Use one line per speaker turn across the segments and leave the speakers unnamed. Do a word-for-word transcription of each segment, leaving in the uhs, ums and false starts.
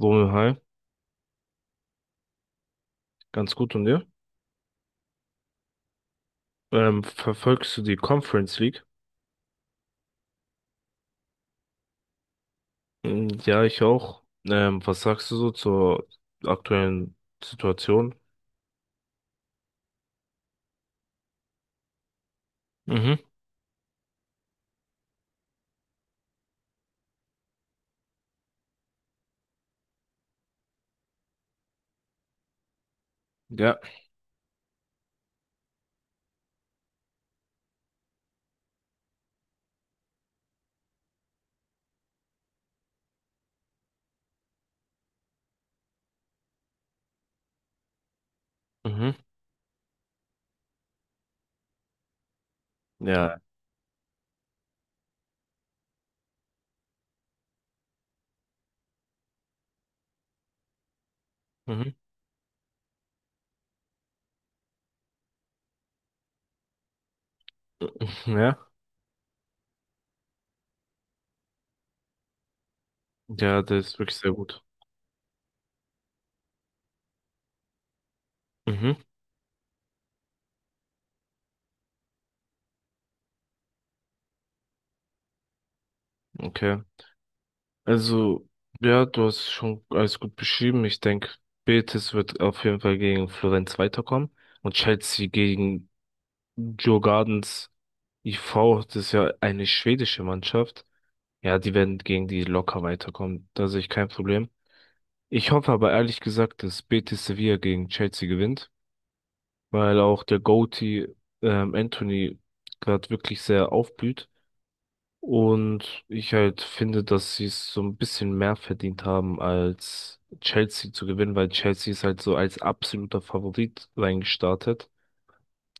Romeo, hi, ganz gut und dir? Ähm, verfolgst du die Conference League? Mm, Ja, ich auch. Ähm, was sagst du so zur aktuellen Situation? Mhm. Ja. Mhm. Ja. Mhm. Ja. Ja, das ist wirklich sehr gut. Mhm. Okay. Also, ja, du hast schon alles gut beschrieben. Ich denke, Betis wird auf jeden Fall gegen Florenz weiterkommen und Chelsea gegen Djurgårdens vier. Das ist ja eine schwedische Mannschaft. Ja, die werden gegen die locker weiterkommen. Da sehe ich kein Problem. Ich hoffe aber ehrlich gesagt, dass Betis Sevilla gegen Chelsea gewinnt, weil auch der Goatee ähm, Anthony gerade wirklich sehr aufblüht. Und ich halt finde, dass sie es so ein bisschen mehr verdient haben, als Chelsea zu gewinnen, weil Chelsea ist halt so als absoluter Favorit reingestartet.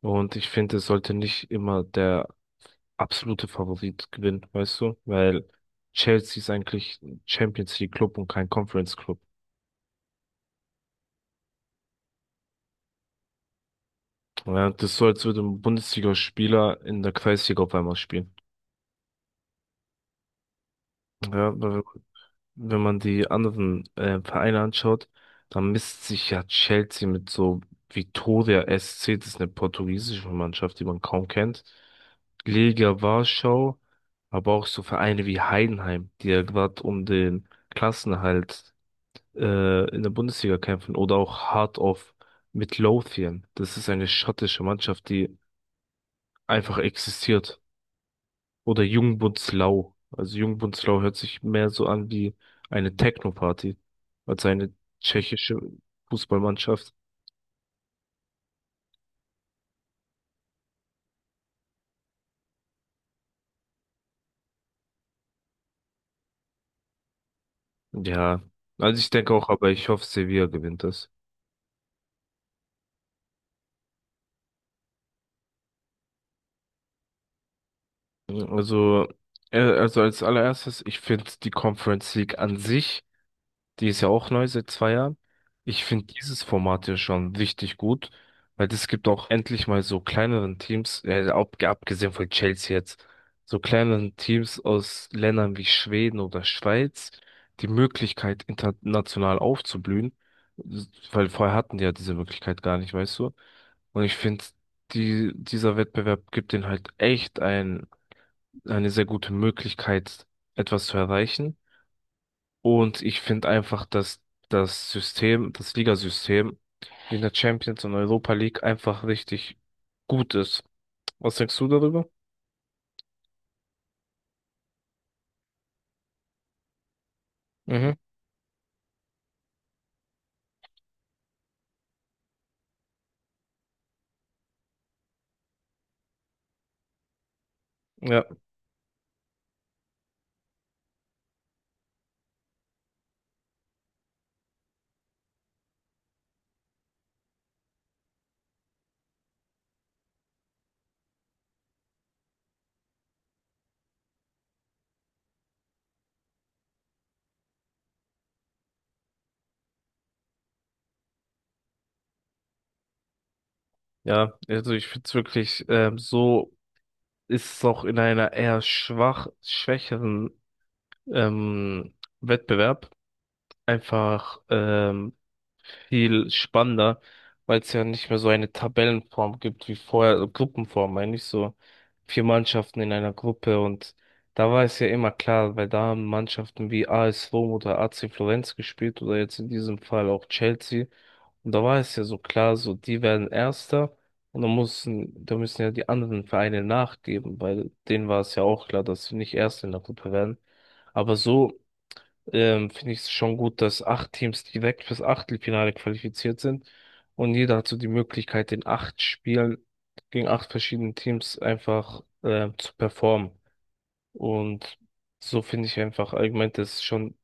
Und ich finde, es sollte nicht immer der absolute Favorit gewinnt, weißt du? Weil Chelsea ist eigentlich ein Champions League Club und kein Conference Club. Ja, das ist so, als würde ein Bundesligaspieler in der Kreisliga auf einmal spielen. Ja, weil wenn man die anderen äh, Vereine anschaut, dann misst sich ja Chelsea mit so Vitória S C, das ist eine portugiesische Mannschaft, die man kaum kennt. Legia Warschau, aber auch so Vereine wie Heidenheim, die ja gerade um den Klassenerhalt äh, in der Bundesliga kämpfen oder auch Heart of Midlothian. Das ist eine schottische Mannschaft, die einfach existiert. Oder Jungbundslau. Also Jungbundslau hört sich mehr so an wie eine Techno-Party als eine tschechische Fußballmannschaft. Ja, also ich denke auch, aber ich hoffe, Sevilla gewinnt das. Also, äh, also als allererstes, ich finde die Conference League an sich. Die ist ja auch neu seit zwei Jahren. Ich finde dieses Format ja schon richtig gut, weil das gibt auch endlich mal so kleineren Teams, äh, ab, abgesehen von Chelsea jetzt, so kleineren Teams aus Ländern wie Schweden oder Schweiz die Möglichkeit, international aufzublühen, weil vorher hatten die ja diese Möglichkeit gar nicht, weißt du? Und ich finde, die, dieser Wettbewerb gibt ihnen halt echt ein, eine sehr gute Möglichkeit, etwas zu erreichen. Und ich finde einfach, dass das System, das Ligasystem in der Champions und Europa League einfach richtig gut ist. Was denkst du darüber? Mhm. Ja, ja, also ich finde es wirklich, ähm, so ist es auch in einer eher schwach, schwächeren ähm, Wettbewerb einfach ähm, viel spannender, weil es ja nicht mehr so eine Tabellenform gibt wie vorher, also Gruppenform, meine ich so. Vier Mannschaften in einer Gruppe und da war es ja immer klar, weil da haben Mannschaften wie A S Rom oder A C Florenz gespielt oder jetzt in diesem Fall auch Chelsea. Und da war es ja so klar, so die werden Erster und da müssen, da müssen ja die anderen Vereine nachgeben, weil denen war es ja auch klar, dass sie nicht Erste in der Gruppe werden. Aber so ähm, finde ich es schon gut, dass acht Teams direkt fürs Achtelfinale qualifiziert sind und jeder hat so die Möglichkeit, in acht Spielen gegen acht verschiedene Teams einfach ähm, zu performen. Und so finde ich einfach allgemein, dass schon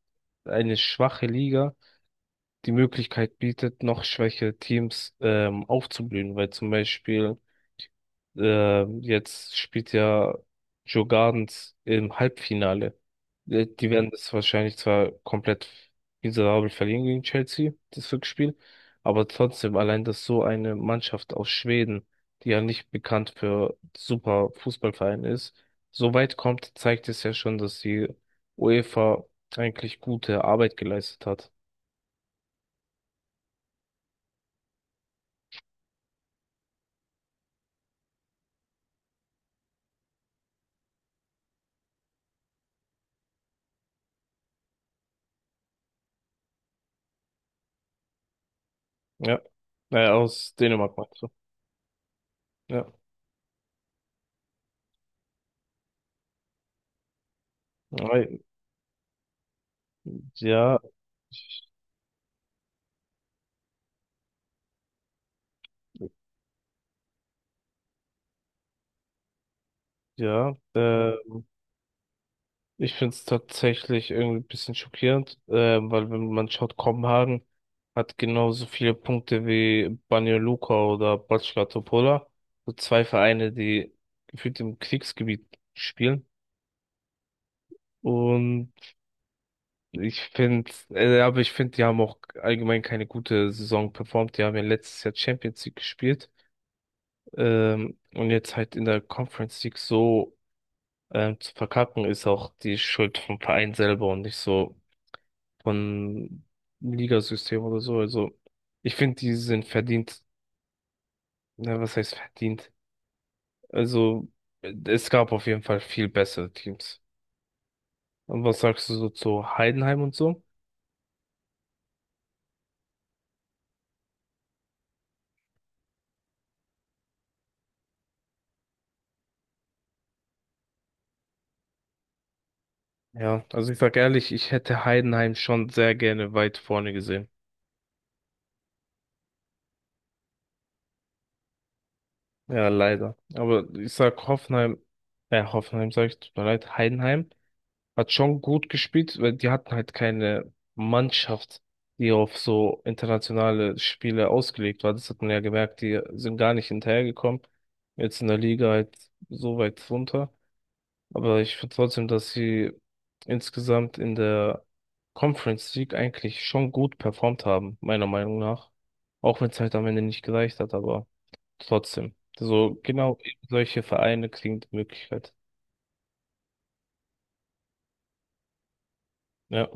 eine schwache Liga die Möglichkeit bietet, noch schwächere Teams ähm, aufzublühen, weil zum Beispiel äh, jetzt spielt ja Joe Gardens im Halbfinale. Äh, Die werden das wahrscheinlich zwar komplett miserabel verlieren gegen Chelsea, das Rückspiel, aber trotzdem allein, dass so eine Mannschaft aus Schweden, die ja nicht bekannt für super Fußballverein ist, so weit kommt, zeigt es ja schon, dass die UEFA eigentlich gute Arbeit geleistet hat. Ja, äh, aus Dänemark meinst du? Ja, ja, ja. ja. Äh, Ich finde es tatsächlich irgendwie ein bisschen schockierend, ähm, weil wenn man schaut, Kopenhagen hat genauso viele Punkte wie Banja Luka oder Bačka Topola. So zwei Vereine, die gefühlt im Kriegsgebiet spielen. Und ich finde, äh, aber ich finde, die haben auch allgemein keine gute Saison performt. Die haben ja letztes Jahr Champions League gespielt. Ähm, und jetzt halt in der Conference League so ähm, zu verkacken, ist auch die Schuld vom Verein selber und nicht so von Ligasystem oder so. Also ich finde, die sind verdient. Na, was heißt verdient? Also es gab auf jeden Fall viel bessere Teams. Und was sagst du so zu Heidenheim und so? Ja, also ich sag ehrlich, ich hätte Heidenheim schon sehr gerne weit vorne gesehen. Ja, leider. Aber ich sag Hoffenheim, äh, Hoffenheim sag ich, tut mir leid, Heidenheim hat schon gut gespielt, weil die hatten halt keine Mannschaft, die auf so internationale Spiele ausgelegt war. Das hat man ja gemerkt, die sind gar nicht hinterhergekommen. Jetzt in der Liga halt so weit runter. Aber ich finde trotzdem, dass sie insgesamt in der Conference League eigentlich schon gut performt haben, meiner Meinung nach. Auch wenn es halt am Ende nicht gereicht hat, aber trotzdem. So genau solche Vereine kriegen die Möglichkeit. Ja,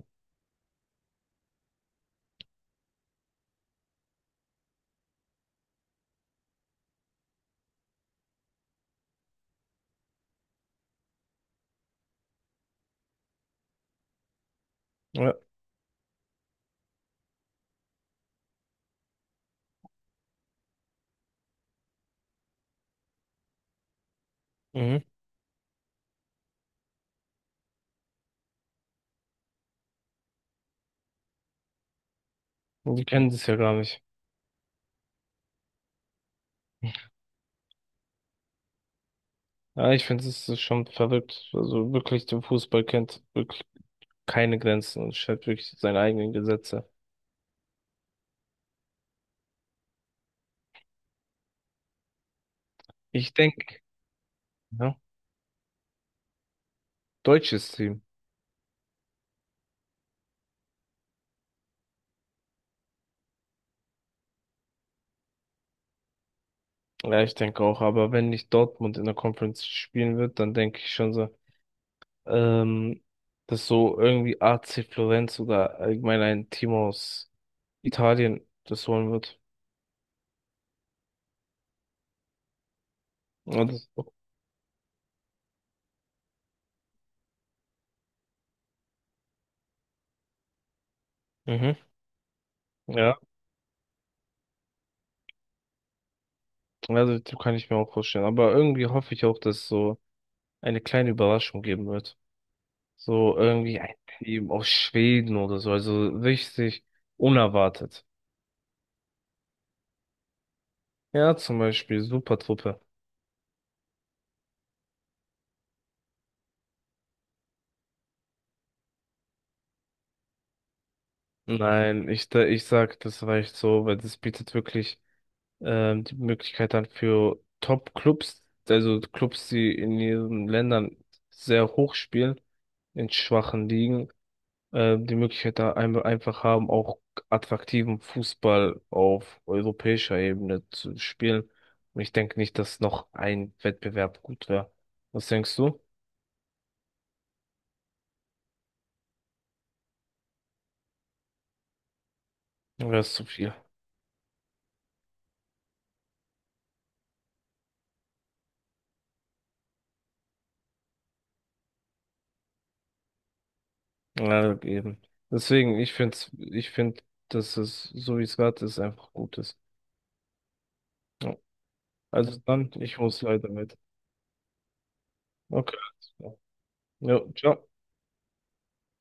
ja, mhm. Und die kennen das ja gar nicht. Ja, ich finde, es ist schon verrückt. Also wirklich, der Fußball kennt wirklich keine Grenzen und stellt wirklich seine eigenen Gesetze. Ich denke, ja, deutsches Team. Ja, ich denke auch, aber wenn nicht Dortmund in der Conference spielen wird, dann denke ich schon so, ähm, dass so irgendwie A C Florenz oder allgemein ein Team aus Italien das holen wird. Ja, das, mhm, ja, also das kann ich mir auch vorstellen. Aber irgendwie hoffe ich auch, dass es so eine kleine Überraschung geben wird. So irgendwie ein Team aus Schweden oder so. Also richtig unerwartet. Ja, zum Beispiel Supertruppe. Nein, ich, da- ich sag, das reicht so, weil das bietet wirklich ähm, die Möglichkeit dann für Top-Clubs, also Clubs, die in ihren Ländern sehr hoch spielen, in schwachen Ligen. Äh, die Möglichkeit da ein einfach haben, auch attraktiven Fußball auf europäischer Ebene zu spielen. Und ich denke nicht, dass noch ein Wettbewerb gut wäre. Was denkst du? Wäre es zu viel? Ja, eben. Deswegen, ich finde, ich finde, dass es, so wie es gerade ist, einfach gut ist. Ja. Also dann, ich muss leider mit. Okay. Ja, ciao.